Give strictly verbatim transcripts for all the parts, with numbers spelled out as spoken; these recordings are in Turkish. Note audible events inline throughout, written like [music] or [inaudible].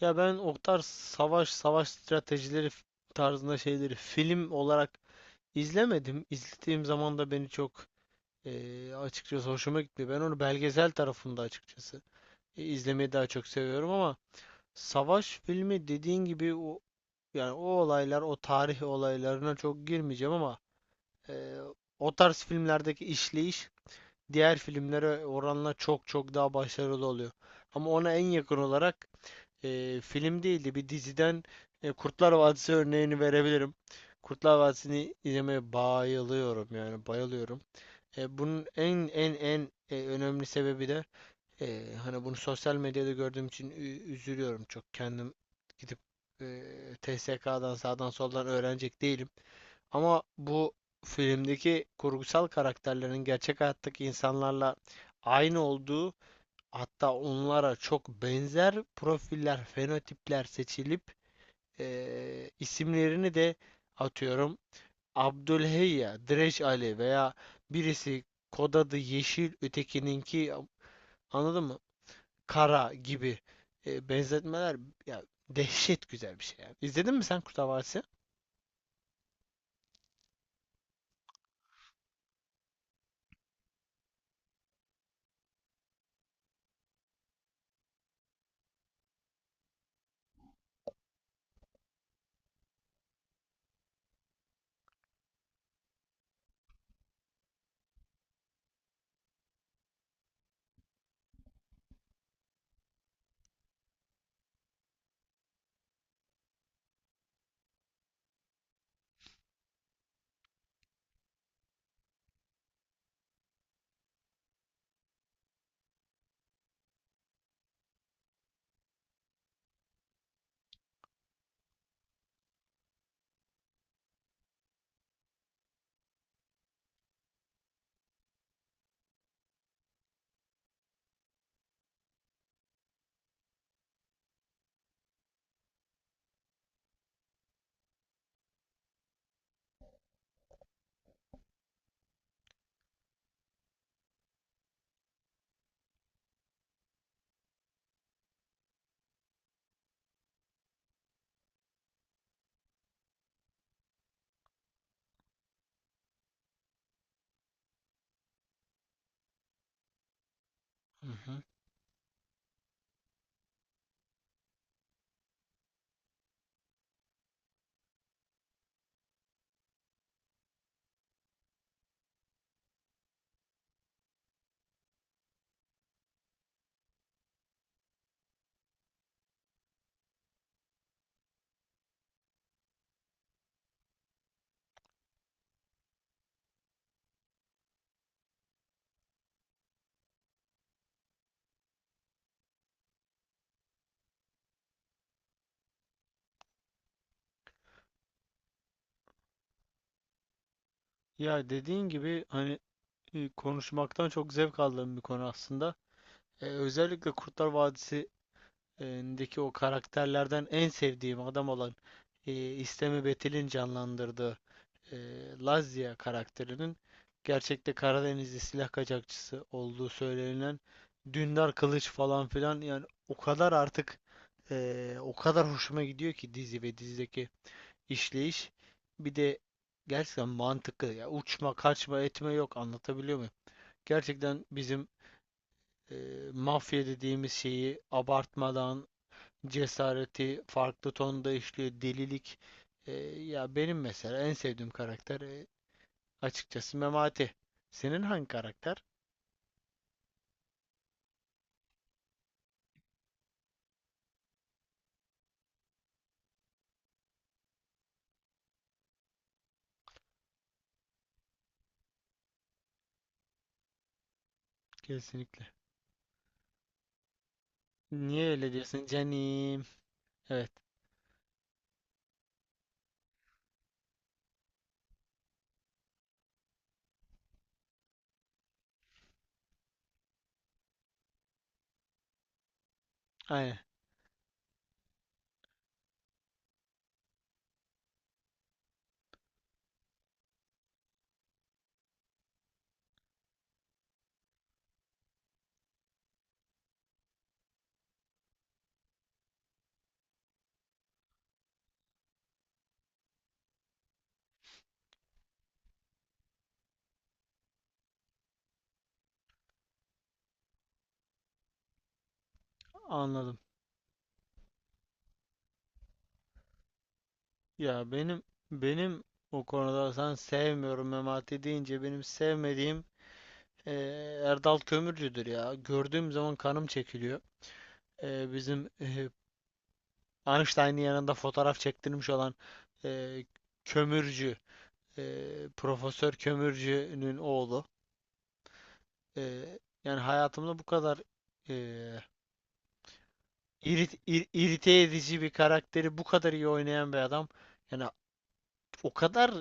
Ya ben o tarz savaş, savaş stratejileri f- tarzında şeyleri film olarak izlemedim. İzlediğim zaman da beni çok eee, açıkçası hoşuma gitmiyor. Ben onu belgesel tarafında açıkçası e, izlemeyi daha çok seviyorum ama savaş filmi dediğin gibi o yani o olaylar, o tarih olaylarına çok girmeyeceğim ama eee, o tarz filmlerdeki işleyiş diğer filmlere oranla çok çok daha başarılı oluyor. Ama ona en yakın olarak e, film değildi, bir diziden e, Kurtlar Vadisi örneğini verebilirim. Kurtlar Vadisi'ni izlemeye bayılıyorum, yani bayılıyorum. E, bunun en en en e, önemli sebebi de e, hani bunu sosyal medyada gördüğüm için ü- üzülüyorum, çok kendim gidip e, T S K'dan sağdan soldan öğrenecek değilim. Ama bu filmdeki kurgusal karakterlerin gerçek hayattaki insanlarla aynı olduğu, hatta onlara çok benzer profiller, fenotipler seçilip eee, isimlerini de atıyorum Abdülheyya, Direç Ali veya birisi kod adı yeşil, ötekininki, anladın mı? Kara gibi e, benzetmeler, ya dehşet güzel bir şey yani. İzledin mi sen Kurtlar Vadisi? Hı hı. Ya dediğin gibi hani e, konuşmaktan çok zevk aldığım bir konu aslında. E, özellikle Kurtlar Vadisi deki o karakterlerden en sevdiğim adam olan e, İstemi Betil'in canlandırdığı e, Lazia karakterinin gerçekte Karadenizli silah kaçakçısı olduğu söylenilen Dündar Kılıç falan filan, yani o kadar artık e, o kadar hoşuma gidiyor ki dizi ve dizideki işleyiş. Bir de gerçekten mantıklı, ya uçma kaçma etme yok, anlatabiliyor muyum? Gerçekten bizim e, mafya dediğimiz şeyi abartmadan cesareti farklı tonda işliyor. Delilik. E, Ya benim mesela en sevdiğim karakter e, açıkçası Memati. Senin hangi karakter? Kesinlikle. Niye öyle diyorsun canim? Evet. Aynen. Anladım. Ya benim, benim o konuda sen sevmiyorum Memati deyince benim sevmediğim e, Erdal Kömürcü'dür ya. Gördüğüm zaman kanım çekiliyor. E, bizim e, Einstein'ın yanında fotoğraf çektirmiş olan e, kömürcü, e, Profesör Kömürcü'nün oğlu. E, Yani hayatımda bu kadar e, irit- ir- irite edici bir karakteri bu kadar iyi oynayan bir adam. Yani o kadar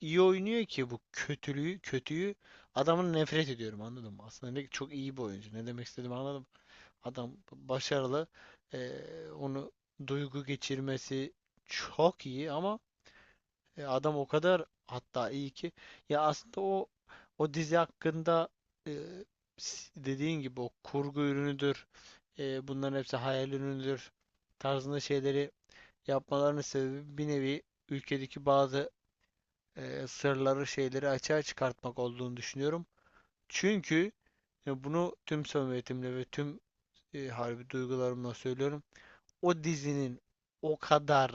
iyi oynuyor ki bu kötülüğü, kötüyü, adamın nefret ediyorum, anladın mı? Aslında ne, çok iyi bir oyuncu. Ne demek istediğimi anladım. Adam başarılı. E, Onu duygu geçirmesi çok iyi ama E, adam o kadar hatta iyi ki ya aslında o o dizi hakkında e, s- dediğin gibi o kurgu ürünüdür, e, bunların hepsi hayal ürünüdür tarzında şeyleri yapmalarının sebebi bir nevi ülkedeki bazı e, sırları şeyleri açığa çıkartmak olduğunu düşünüyorum. Çünkü e, bunu tüm samimiyetimle ve tüm e, harbi duygularımla söylüyorum. O dizinin o kadar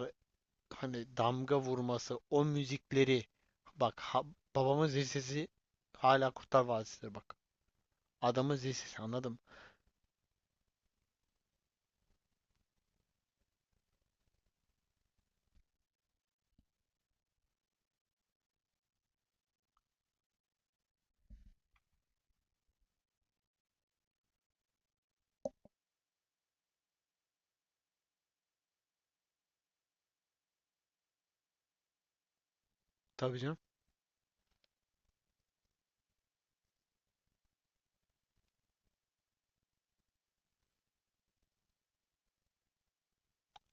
hani damga vurması, o müzikleri, bak ha- babamın zil sesi hala Kurtlar Vadisi'dir bak. Adamın zil sesi, anladım. Tabii canım.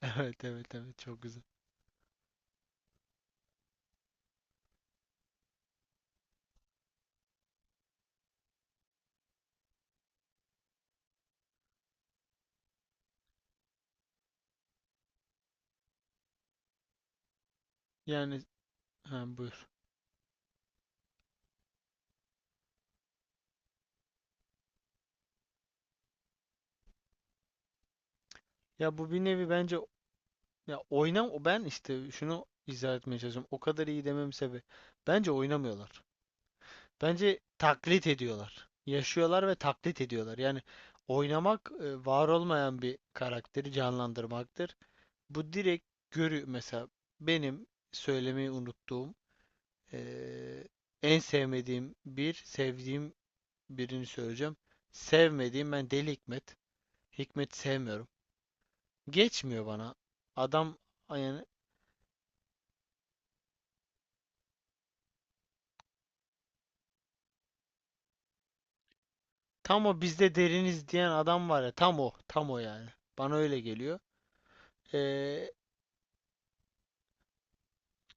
[laughs] Evet, evet, evet, çok güzel. Yani ha, buyur. Ya bu bir nevi bence ya oynam o ben işte şunu izah etmeye çalışıyorum. O kadar iyi dememin sebebi bence oynamıyorlar. Bence taklit ediyorlar. Yaşıyorlar ve taklit ediyorlar. Yani oynamak e, var olmayan bir karakteri canlandırmaktır. Bu direkt görü mesela benim söylemeyi unuttuğum eee, en sevmediğim, bir sevdiğim birini söyleyeceğim. Sevmediğim ben Deli Hikmet. Hikmet sevmiyorum. Geçmiyor bana. Adam yani tam o bizde deriniz diyen adam var ya, tam o, tam o yani. Bana öyle geliyor. Eee,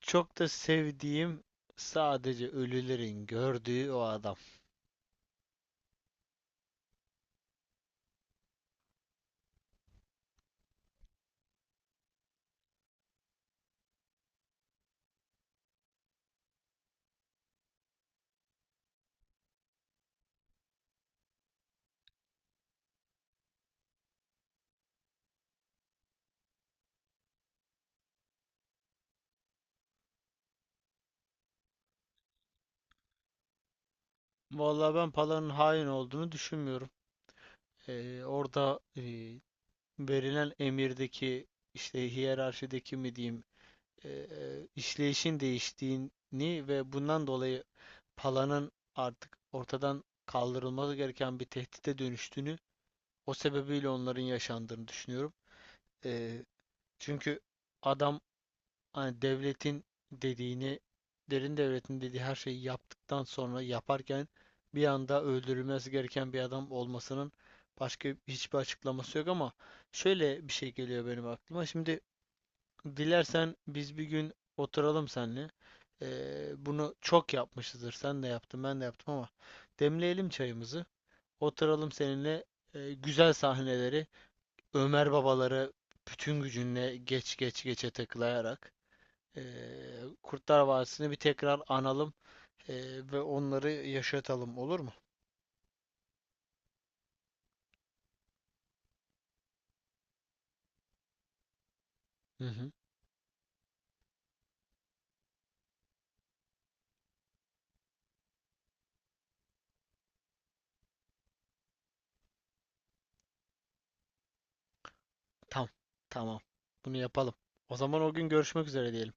Çok da sevdiğim, sadece ölülerin gördüğü o adam. Vallahi ben Pala'nın hain olduğunu düşünmüyorum. Eee, orada eee, verilen emirdeki işte hiyerarşideki mi diyeyim, e, e, işleyişin değiştiğini ve bundan dolayı Pala'nın artık ortadan kaldırılması gereken bir tehdite dönüştüğünü, o sebebiyle onların yaşandığını düşünüyorum. E, Çünkü adam hani devletin dediğini, derin devletin dediği her şeyi yaptıktan sonra yaparken bir anda öldürülmesi gereken bir adam olmasının başka hiçbir açıklaması yok ama şöyle bir şey geliyor benim aklıma. Şimdi dilersen biz bir gün oturalım seninle. Ee, bunu çok yapmışızdır. Sen de yaptın, ben de yaptım ama demleyelim çayımızı. Oturalım seninle e, güzel sahneleri, Ömer babaları bütün gücünle geç geç geçe takılayarak e, Kurtlar Vadisi'ni bir tekrar analım, e, ve onları yaşatalım, olur mu? Hı hı. Tamam. Tamam. Bunu yapalım. O zaman o gün görüşmek üzere diyelim.